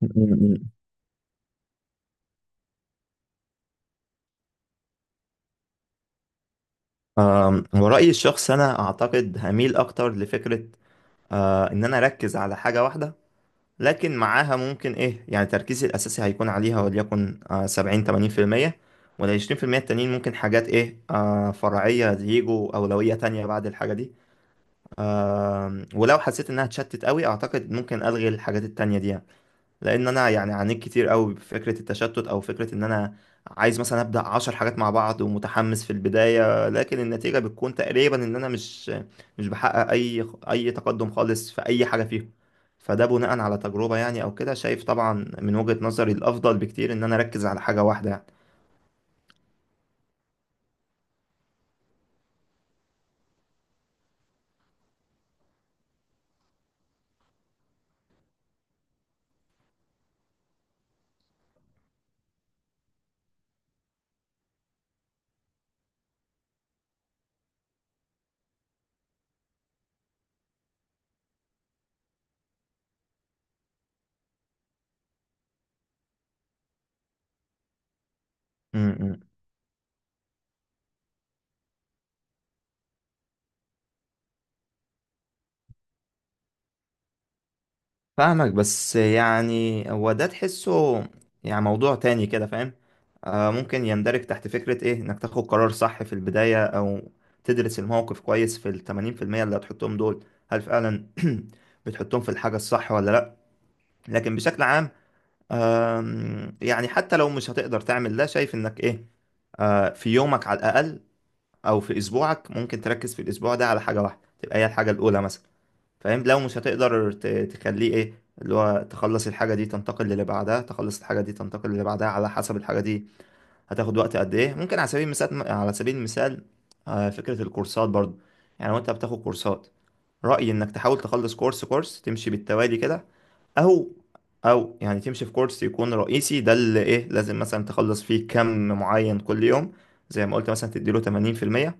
م-م-م. ورأيي الشخصي أنا أعتقد هميل أكتر لفكرة إن أنا أركز على حاجة واحدة. لكن معاها ممكن إيه يعني تركيزي الأساسي هيكون عليها وليكن سبعين تمانين في المية، والعشرين في المية التانيين ممكن حاجات إيه فرعية يجوا أولوية تانية بعد الحاجة دي. ولو حسيت إنها اتشتت قوي أعتقد ممكن ألغي الحاجات التانية دي يعني. لان انا يعني عانيت كتير قوي بفكره التشتت او فكره ان انا عايز مثلا ابدا عشر حاجات مع بعض ومتحمس في البدايه، لكن النتيجه بتكون تقريبا ان انا مش بحقق اي تقدم خالص في اي حاجه فيهم. فده بناء على تجربه يعني او كده، شايف طبعا. من وجهه نظري الافضل بكتير ان انا اركز على حاجه واحده يعني. م- م. فاهمك، بس يعني هو ده تحسه يعني موضوع تاني كده، فاهم. ممكن يندرج تحت فكرة ايه انك تاخد قرار صح في البداية، او تدرس الموقف كويس في التمانين في المية اللي هتحطهم دول، هل فعلا بتحطهم في الحاجة الصح ولا لأ. لكن بشكل عام يعني حتى لو مش هتقدر تعمل ده شايف انك ايه، في يومك على الأقل او في اسبوعك ممكن تركز في الاسبوع ده على حاجة واحدة تبقى هي الحاجة الأولى مثلا. فاهم لو مش هتقدر تخليه ايه، اللي هو تخلص الحاجة دي تنتقل للي بعدها، تخلص الحاجة دي تنتقل للي بعدها على حسب الحاجة دي هتاخد وقت قد ايه. ممكن على سبيل المثال فكرة الكورسات برضو، يعني وانت بتاخد كورسات، رأيي انك تحاول تخلص كورس كورس تمشي بالتوالي كده. او او يعني تمشي في كورس يكون رئيسي، ده اللي ايه لازم مثلا تخلص فيه كم معين كل يوم. زي ما قلت مثلا تديله 80%،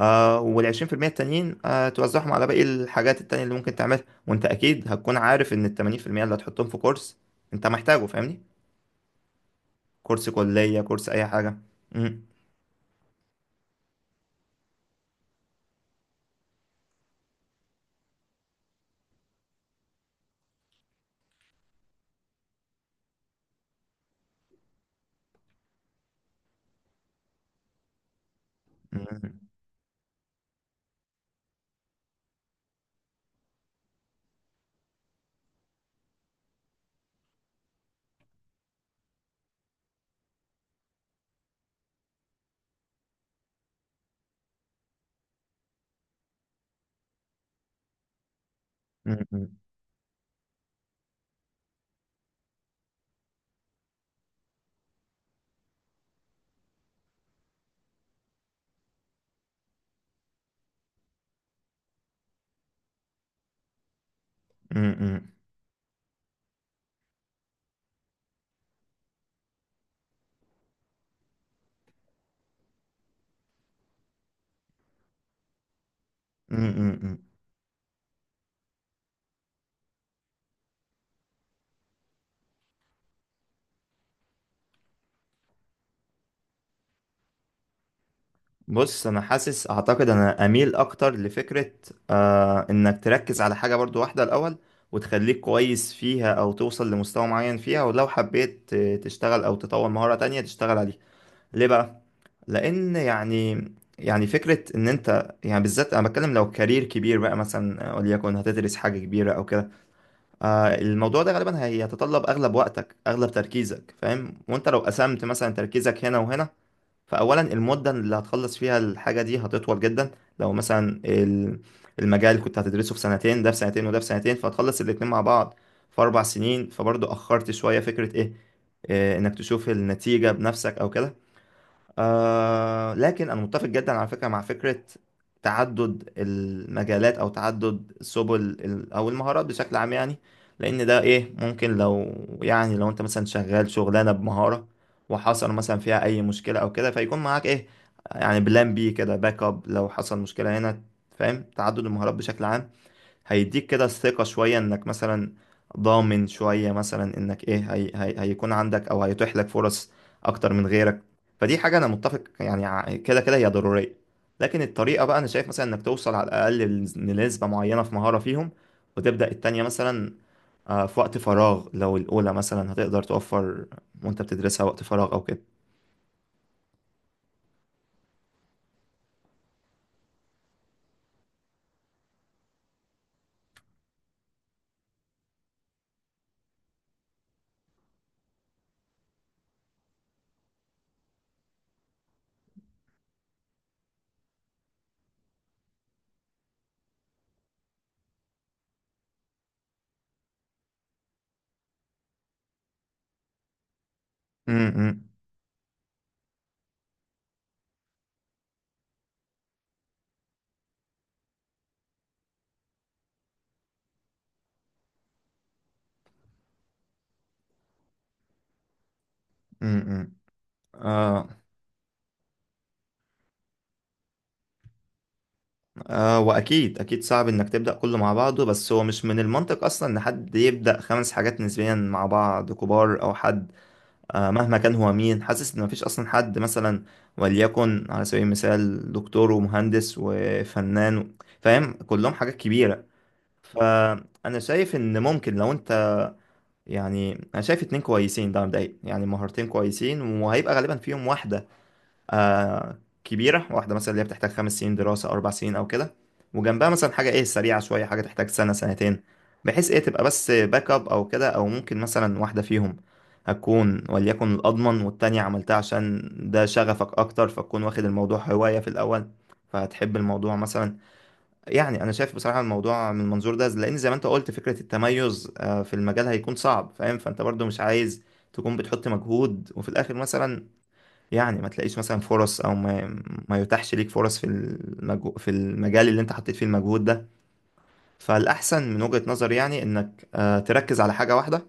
وال20% التانيين توزعهم على باقي الحاجات التانية اللي ممكن تعملها، وانت اكيد هتكون عارف ان ال80% اللي هتحطهم في كورس انت محتاجه، فاهمني. كورس كلية كورس اي حاجة. مم. مم. مم. مم. مم. مم. مم. بص انا حاسس اعتقد انا اميل اكتر لفكرة انك تركز على حاجة برضو واحدة الاول، وتخليك كويس فيها او توصل لمستوى معين فيها، ولو حبيت تشتغل او تطور مهارة تانية تشتغل عليها. ليه بقى؟ لان يعني فكره ان انت يعني بالذات انا بتكلم لو كارير كبير بقى مثلا وليكن هتدرس حاجه كبيره او كده. الموضوع ده غالبا هيتطلب اغلب وقتك اغلب تركيزك، فاهم. وانت لو قسمت مثلا تركيزك هنا وهنا، فاولا المده اللي هتخلص فيها الحاجه دي هتطول جدا. لو مثلا المجال كنت هتدرسه في سنتين، ده في سنتين وده في سنتين، فهتخلص الاتنين مع بعض في اربع سنين، فبرضه اخرت شويه. فكره ايه انك تشوف النتيجة بنفسك او كده. لكن أنا متفق جدا على فكرة مع فكرة تعدد المجالات أو تعدد سبل أو المهارات بشكل عام يعني. لأن ده إيه ممكن لو يعني لو أنت مثلا شغال شغلانة بمهارة، وحصل مثلا فيها أي مشكلة أو كده، فيكون معاك إيه، يعني بلان بي كده باك أب لو حصل مشكلة هنا، فاهم. تعدد المهارات بشكل عام هيديك كده الثقة شوية انك مثلا ضامن شوية مثلا انك ايه هي هيكون عندك، او هيتيح لك فرص اكتر من غيرك. فدي حاجة انا متفق يعني كده كده هي ضرورية. لكن الطريقة بقى انا شايف مثلا انك توصل على الاقل لنسبة معينة في مهارة فيهم، وتبدأ التانية مثلا في وقت فراغ لو الاولى مثلا هتقدر توفر وانت بتدرسها وقت فراغ او كده. امم امم واكيد اكيد صعب انك تبدا كله مع بعضه، بس هو مش من المنطق اصلا ان حد يبدا خمس حاجات نسبيا مع بعض كبار او حد. مهما كان هو مين، حاسس ان مفيش اصلا حد مثلا وليكن على سبيل المثال دكتور ومهندس وفنان، فاهم كلهم حاجات كبيره. فانا شايف ان ممكن لو انت يعني انا شايف اتنين كويسين ده مبدئيا، يعني مهارتين كويسين، وهيبقى غالبا فيهم واحده آه كبيرة، واحدة مثلا اللي هي بتحتاج خمس سنين دراسة أو أربع سنين أو كده، وجنبها مثلا حاجة إيه سريعة شوية، حاجة تحتاج سنة سنتين، بحيث إيه تبقى بس باك أب أو كده. أو ممكن مثلا واحدة فيهم هتكون وليكن الأضمن، والتانية عملتها عشان ده شغفك أكتر، فتكون واخد الموضوع هواية في الأول فهتحب الموضوع مثلا. يعني أنا شايف بصراحة الموضوع من المنظور ده، لأن زي ما أنت قلت فكرة التميز في المجال هيكون صعب، فاهم، فأنت برضو مش عايز تكون بتحط مجهود وفي الآخر مثلا يعني ما تلاقيش مثلا فرص، او ما يتاحش ليك فرص في في المجال اللي انت حطيت فيه المجهود ده. فالاحسن من وجهة نظري يعني انك تركز على حاجة واحدة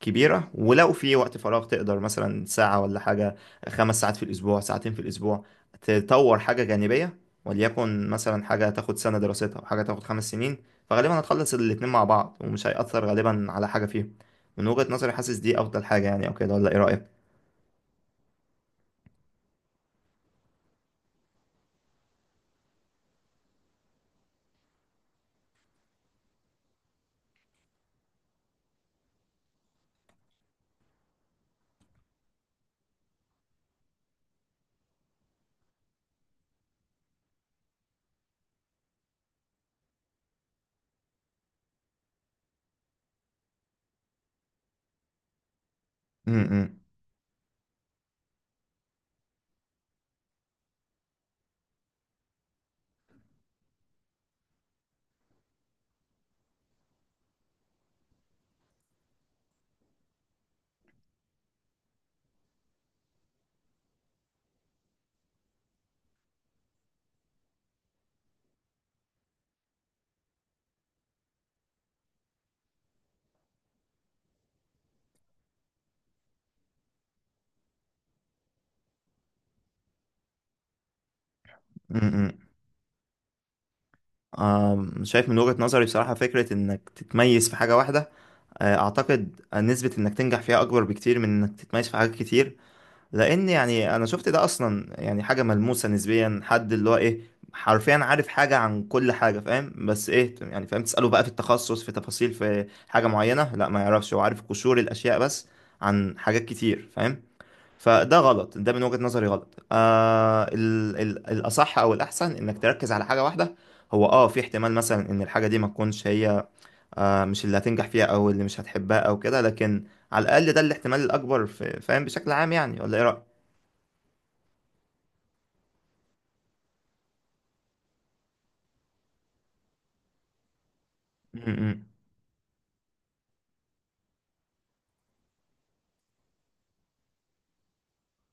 كبيرة، ولو في وقت فراغ تقدر مثلا ساعة ولا حاجة، خمس ساعات في الاسبوع، ساعتين في الاسبوع تطور حاجة جانبية، وليكن مثلا حاجة تاخد سنة دراستها وحاجة تاخد خمس سنين، فغالبا هتخلص الاتنين مع بعض ومش هيأثر غالبا على حاجة فيهم. من وجهة نظري حاسس دي افضل حاجة يعني او كده، ولا ايه رأيك؟ م- م- م- م. شايف من وجهة نظري بصراحة فكرة إنك تتميز في حاجة واحدة أعتقد نسبة إنك تنجح فيها أكبر بكتير من إنك تتميز في حاجات كتير. لأن يعني أنا شفت ده أصلا يعني حاجة ملموسة نسبيا، حد اللي هو إيه حرفيا عارف حاجة عن كل حاجة، فاهم، بس إيه يعني، فاهم، تسأله بقى في التخصص في تفاصيل في حاجة معينة لا ما يعرفش، هو عارف قشور الأشياء بس عن حاجات كتير، فاهم. فده غلط، ده من وجهة نظري غلط. ال الأصح أو الأحسن إنك تركز على حاجة واحدة. هو اه في احتمال مثلا ان الحاجة دي ما تكونش هي مش اللي هتنجح فيها او اللي مش هتحبها او كده، لكن على الأقل ده الاحتمال الأكبر فاهم بشكل عام يعني. ولا ايه رأيك؟ م- م.